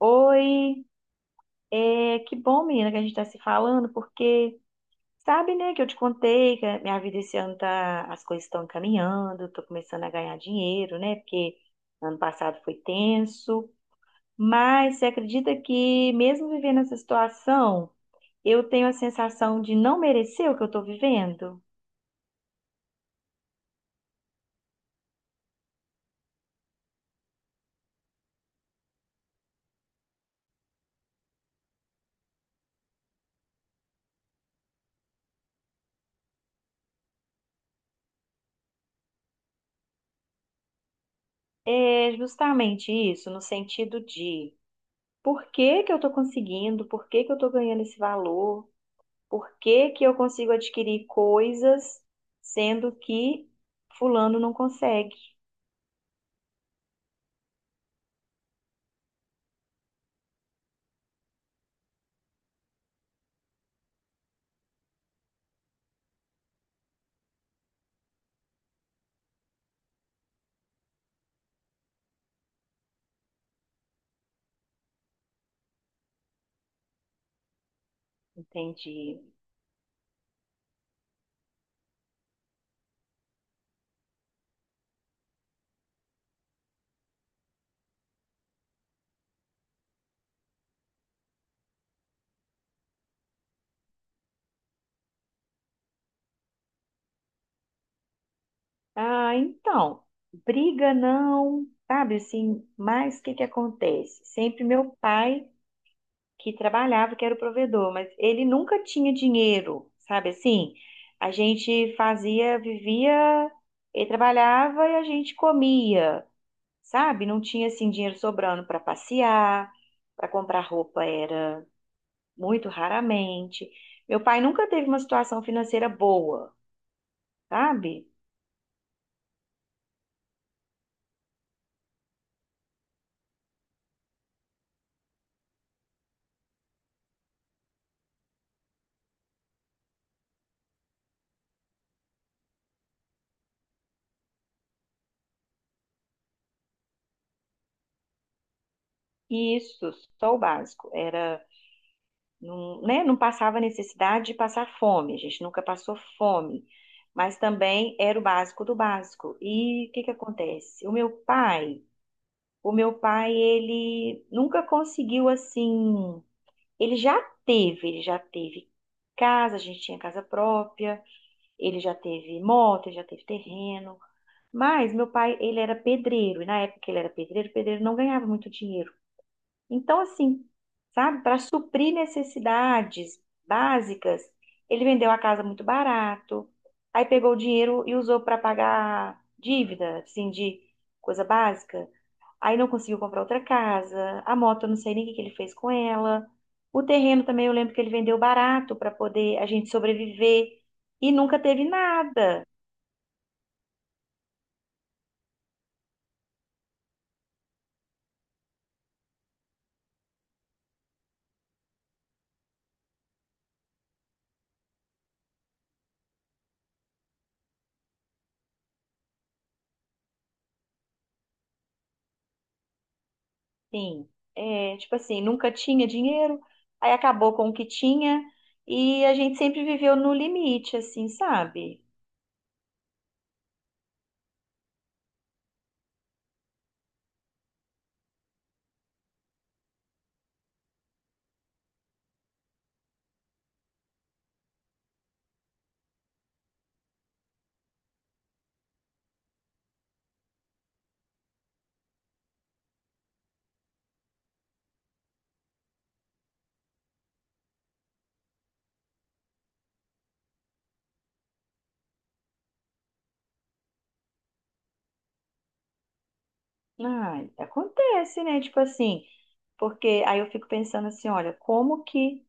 Oi, que bom, menina, que a gente está se falando, porque sabe, né, que eu te contei que a minha vida esse ano tá, as coisas estão caminhando, tô começando a ganhar dinheiro, né, porque ano passado foi tenso, mas você acredita que mesmo vivendo essa situação, eu tenho a sensação de não merecer o que eu tô vivendo? É justamente isso, no sentido de por que que eu tô conseguindo, por que que eu tô ganhando esse valor? Por que que eu consigo adquirir coisas sendo que fulano não consegue? Entendi. Ah, então, briga não, sabe assim, mas o que que acontece? Sempre meu pai que trabalhava, que era o provedor, mas ele nunca tinha dinheiro, sabe assim? A gente fazia, vivia, ele trabalhava e a gente comia, sabe? Não tinha assim dinheiro sobrando para passear, para comprar roupa era muito raramente. Meu pai nunca teve uma situação financeira boa, sabe? E isso, só o básico. Era, não, né, não passava necessidade de passar fome, a gente nunca passou fome, mas também era o básico do básico. E o que que acontece? O meu pai, ele nunca conseguiu assim, ele já teve casa, a gente tinha casa própria, ele já teve moto, ele já teve terreno. Mas meu pai, ele era pedreiro, e na época que ele era pedreiro, pedreiro não ganhava muito dinheiro. Então, assim, sabe, para suprir necessidades básicas, ele vendeu a casa muito barato, aí pegou o dinheiro e usou para pagar dívida, assim, de coisa básica. Aí não conseguiu comprar outra casa, a moto, eu não sei nem o que que ele fez com ela. O terreno também, eu lembro que ele vendeu barato para poder a gente sobreviver e nunca teve nada. Sim, é, tipo assim, nunca tinha dinheiro, aí acabou com o que tinha e a gente sempre viveu no limite, assim, sabe? Ai, acontece, né? Tipo assim, porque aí eu fico pensando assim, olha, como que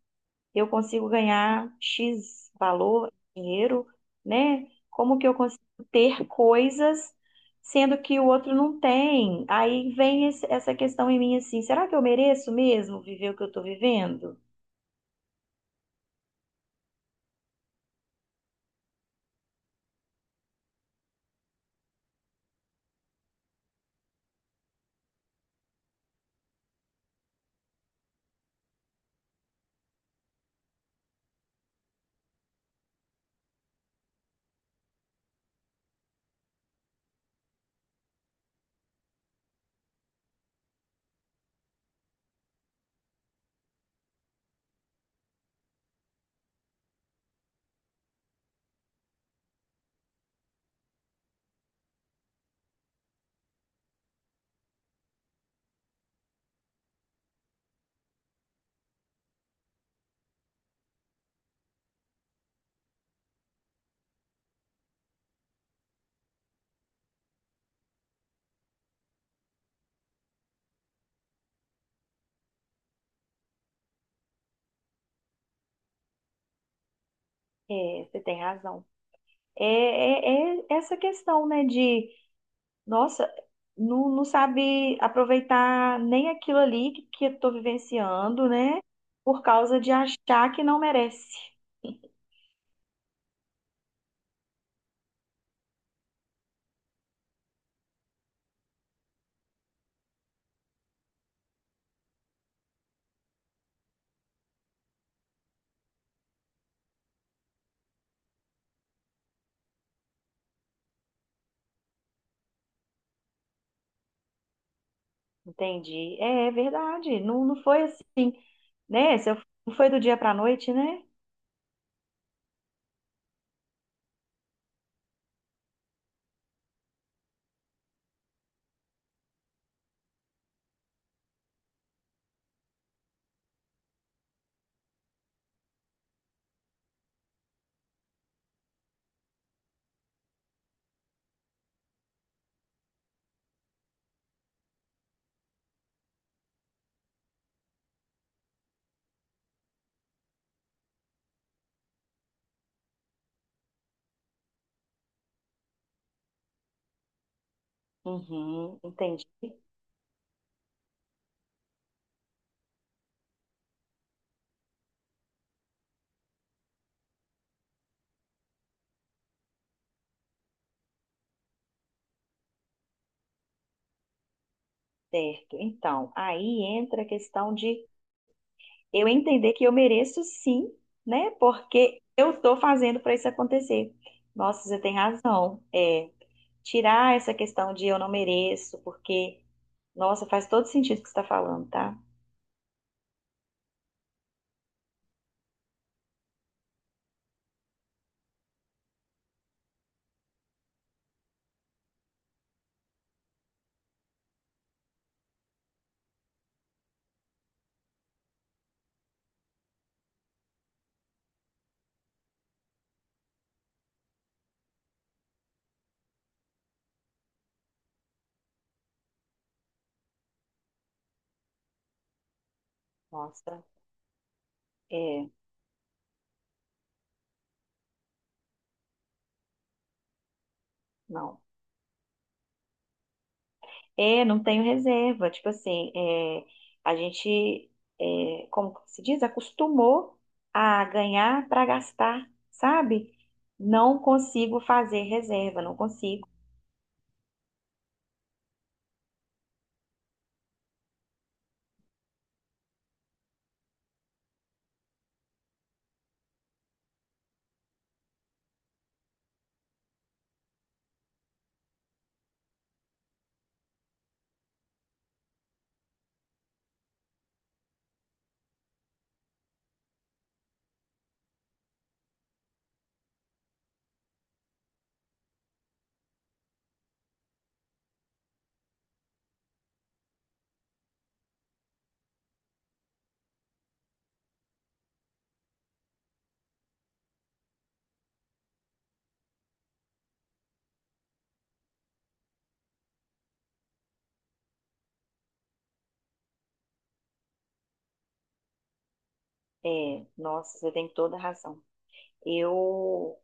eu consigo ganhar X valor, dinheiro, né? Como que eu consigo ter coisas sendo que o outro não tem? Aí vem essa questão em mim assim, será que eu mereço mesmo viver o que eu tô vivendo? É, você tem razão. É essa questão, né, de, nossa, não sabe aproveitar nem aquilo ali que eu tô vivenciando, né, por causa de achar que não merece. Entendi. É, é verdade. Não, não foi assim, né? Se eu- Não foi do dia para a noite, né? Uhum, entendi, certo. Então, aí entra a questão de eu entender que eu mereço sim, né? Porque eu estou fazendo para isso acontecer. Nossa, você tem razão. É, tirar essa questão de eu não mereço, porque, nossa, faz todo sentido o que você está falando, tá? Nossa, é, não. É, não tenho reserva. Tipo assim, é, a gente, é, como que se diz, acostumou a ganhar para gastar, sabe? Não consigo fazer reserva, não consigo. É, nossa, você tem toda a razão. Eu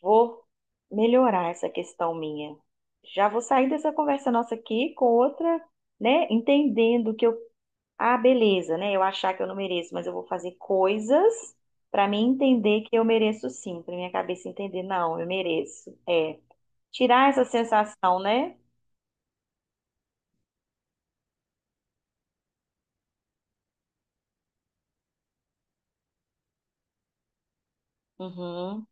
vou melhorar essa questão minha. Já vou sair dessa conversa nossa aqui com outra, né? Entendendo o que eu... Ah, beleza, né? Eu achar que eu não mereço, mas eu vou fazer coisas pra mim entender que eu mereço sim, pra minha cabeça entender, não, eu mereço. É, tirar essa sensação, né? Uhum.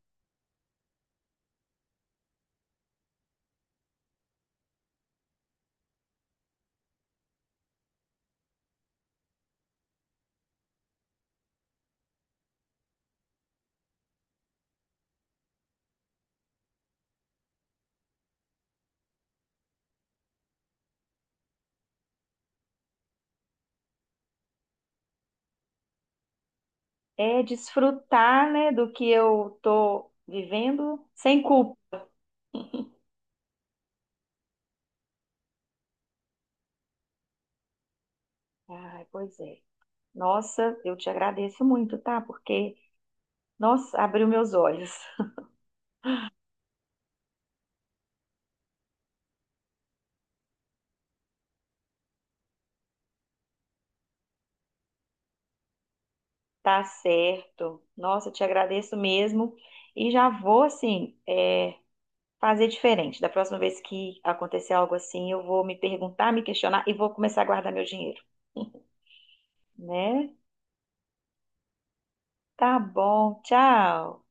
É desfrutar, né, do que eu tô vivendo sem culpa. Ai, pois é. Nossa, eu te agradeço muito, tá? Porque, nossa, abriu meus olhos. Tá certo. Nossa, eu te agradeço mesmo. E já vou, assim, é, fazer diferente. Da próxima vez que acontecer algo assim, eu vou me perguntar, me questionar e vou começar a guardar meu dinheiro, né? Tá bom, tchau.